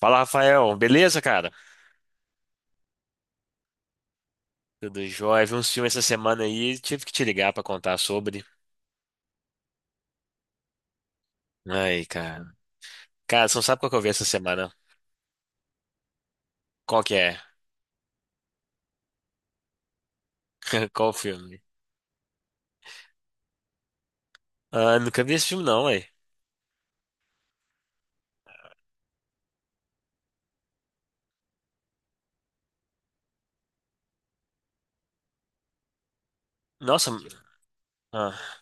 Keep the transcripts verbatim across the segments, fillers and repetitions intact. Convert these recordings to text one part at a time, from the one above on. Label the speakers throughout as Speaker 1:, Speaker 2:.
Speaker 1: Fala, Rafael. Beleza, cara? Tudo jóia. Vi uns filmes essa semana aí, tive que te ligar pra contar sobre. Ai, cara. Cara, você não sabe qual que eu vi essa semana? Qual que é? Qual o filme? Ah, nunca vi esse filme não, ué. Nossa, ah.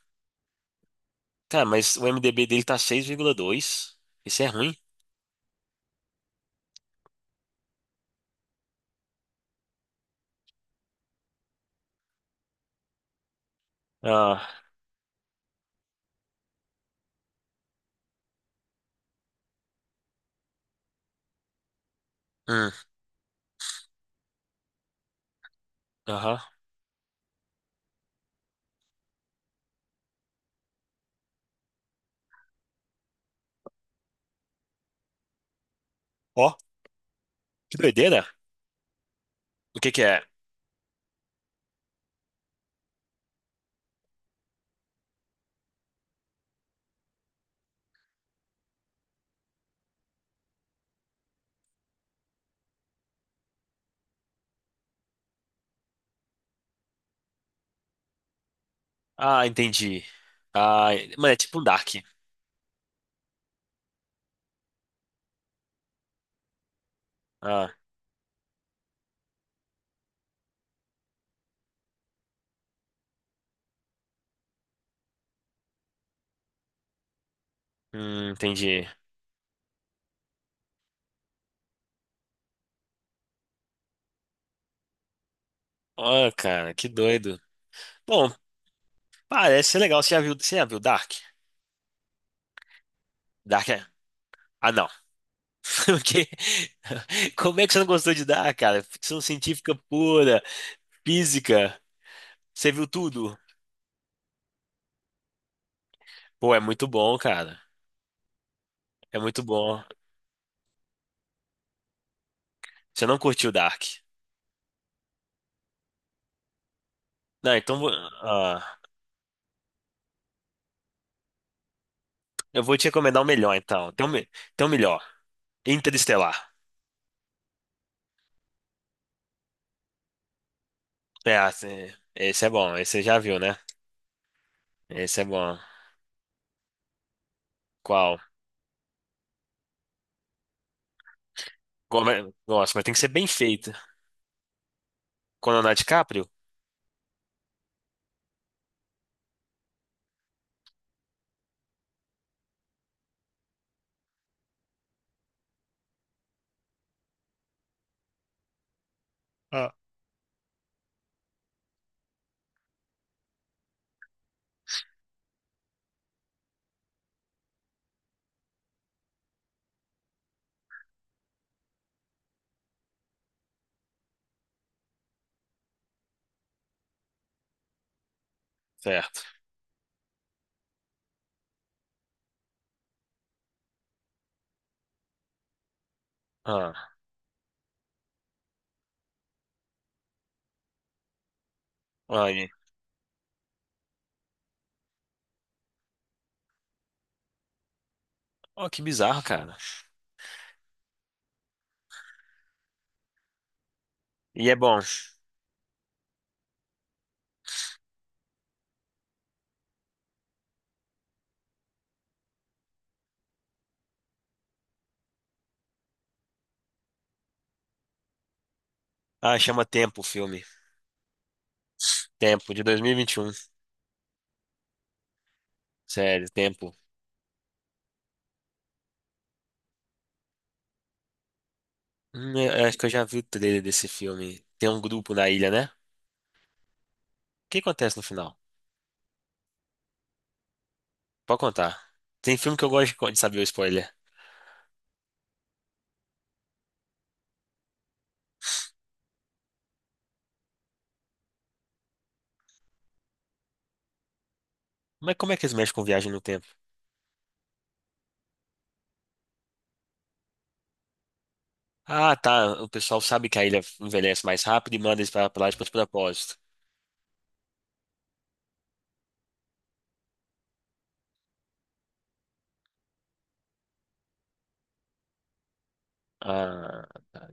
Speaker 1: Cara, mas o IMDb dele tá seis vírgula dois. Isso é ruim. Ah. Hum, aham. Ó, que doideira. O que que é? Ah, entendi. Ah, mano, é tipo um Dark. Ah, hum, entendi. Ó, cara, que doido. Bom, parece ser legal. Você já viu, você já viu Dark? Dark. é... Ah, não. Porque... Como é que você não gostou de Dark, cara? Ficção científica pura, física. Você viu tudo? Pô, é muito bom, cara. É muito bom. Você não curtiu Dark? Não, então vou- ah, eu vou te recomendar o melhor, então. Tem um, me- tem um melhor. Interestelar. É, assim, esse é bom. Esse você já viu, né? Esse é bom. Qual? Como é- Nossa, mas tem que ser bem feito. Com Leonardo DiCaprio? Ah, certo. Ah, olha. Oh, que bizarro, cara. E é bom. Ah, chama Tempo o filme. Tempo, de dois mil e vinte e um. Sério, Tempo. Hum, eu acho que eu já vi o trailer desse filme. Tem um grupo na ilha, né? O que acontece no final? Pode contar. Tem filme que eu gosto de co- de saber o spoiler. Mas como é que eles mexem com viagem no tempo? Ah, tá. O pessoal sabe que a ilha envelhece mais rápido e manda eles pra pra lá de propósito. Ah, tá.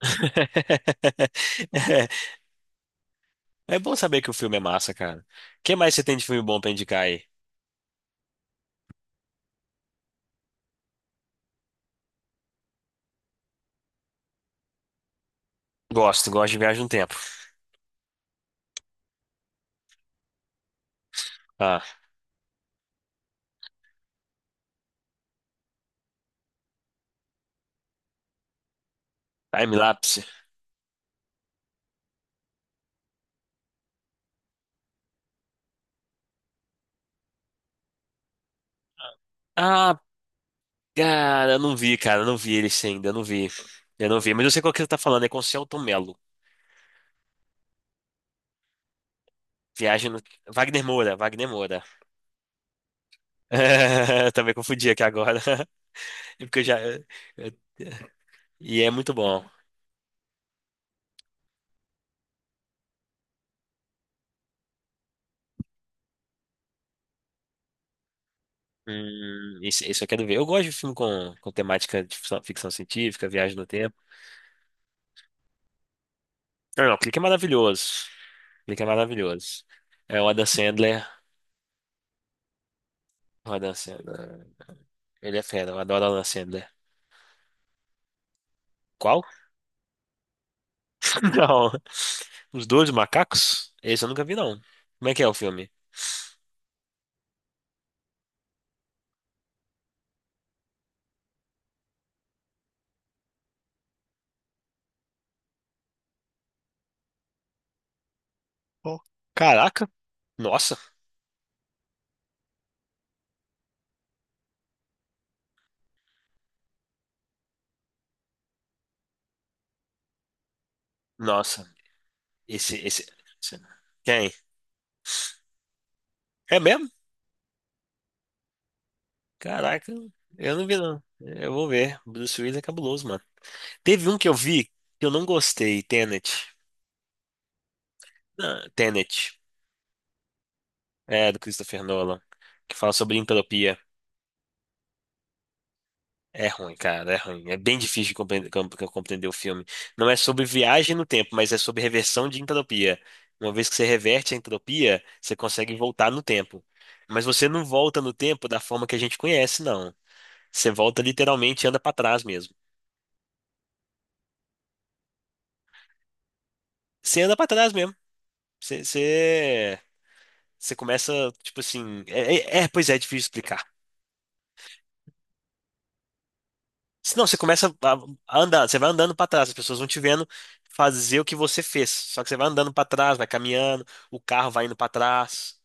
Speaker 1: É bom saber que o filme é massa, cara. O que mais você tem de filme bom pra indicar aí? Gosto, gosto de viagem no tempo. Ah, time-lapse. Ah, cara, eu não vi, cara, eu não vi ele ainda, eu não vi. Eu não vi, mas eu sei qual que você tá falando, é com o Celton Mello. Viagem no... Wagner Moura, Wagner Moura. Eu também confundi aqui agora. Porque eu já. Eu- E é muito bom. Hum, isso, isso eu quero ver. Eu gosto de filme com, com temática de ficção, ficção científica, viagem no tempo. Não, não, Clique é maravilhoso. Clique é maravilhoso. É o Adam Sandler. O Adam Sandler. Ele é fera, eu adoro o Adam Sandler. Qual? Não. Os dois macacos? Esse eu nunca vi, não. Como é que é o filme? Oh. Caraca. Nossa. Nossa. Esse, esse. esse- Quem? É mesmo? Caraca. Eu não vi, não. Eu vou ver. Bruce Willis é cabuloso, mano. Teve um que eu vi que eu não gostei. Tenet. Ah, Tenet. É, do Christopher Nolan. Que fala sobre entropia. É ruim, cara, é ruim. É bem difícil de compre- com- com- compreender o filme. Não é sobre viagem no tempo, mas é sobre reversão de entropia. Uma vez que você reverte a entropia, você consegue voltar no tempo. Mas você não volta no tempo da forma que a gente conhece, não. Você volta literalmente e anda pra trás mesmo. Você anda pra trás mesmo. Você, você, você começa, tipo assim. É, é- é, pois é, é difícil explicar. Senão você começa a a andar, você vai andando para trás, as pessoas vão te vendo fazer o que você fez. Só que você vai andando para trás, vai caminhando, o carro vai indo para trás.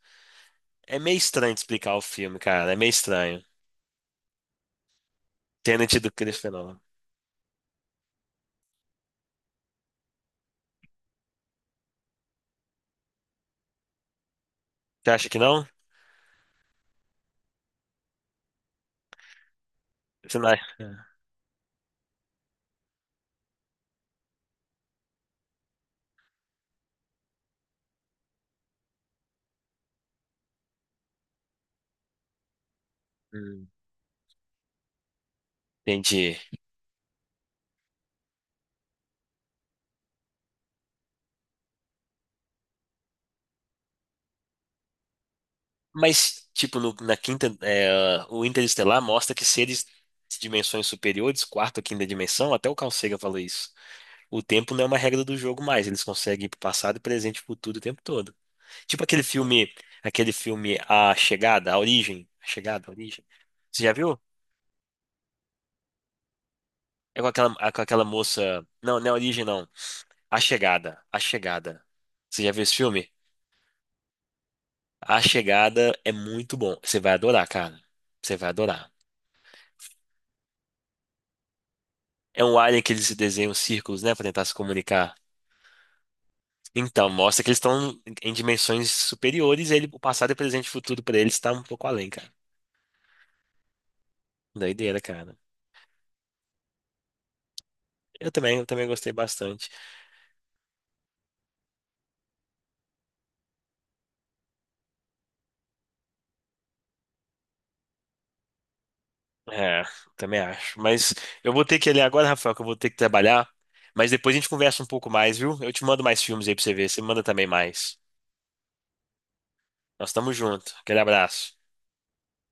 Speaker 1: É meio estranho de explicar o filme, cara. É meio estranho. Tenet do Christopher Nolan. Você acha que não? Você não acha? É. Hum, entendi. Mas, tipo, no- na quinta, é, o Interestelar mostra que seres de dimensões superiores, quarta ou quinta dimensão, até o Carl Sagan falou isso. O tempo não é uma regra do jogo mais. Eles conseguem ir pro passado, presente e futuro o tempo todo. Tipo aquele filme, aquele filme A Chegada, A Origem, A Chegada, A Origem. Você já viu? É com aquela, é com aquela moça. Não, não é A Origem, não. A Chegada, A Chegada. Você já viu esse filme? A Chegada é muito bom. Você vai adorar, cara. Você vai adorar. É um alien que eles desenham círculos, né, pra tentar se comunicar. Então, mostra que eles estão em dimensões superiores, e ele, o passado e o presente e o futuro pra eles tá um pouco além, cara. Doideira, cara. Eu também, eu também gostei bastante. É, também acho. Mas eu vou ter que ir ali agora, Rafael, que eu vou ter que trabalhar. Mas depois a gente conversa um pouco mais, viu? Eu te mando mais filmes aí pra você ver. Você manda também mais. Nós estamos juntos. Aquele abraço.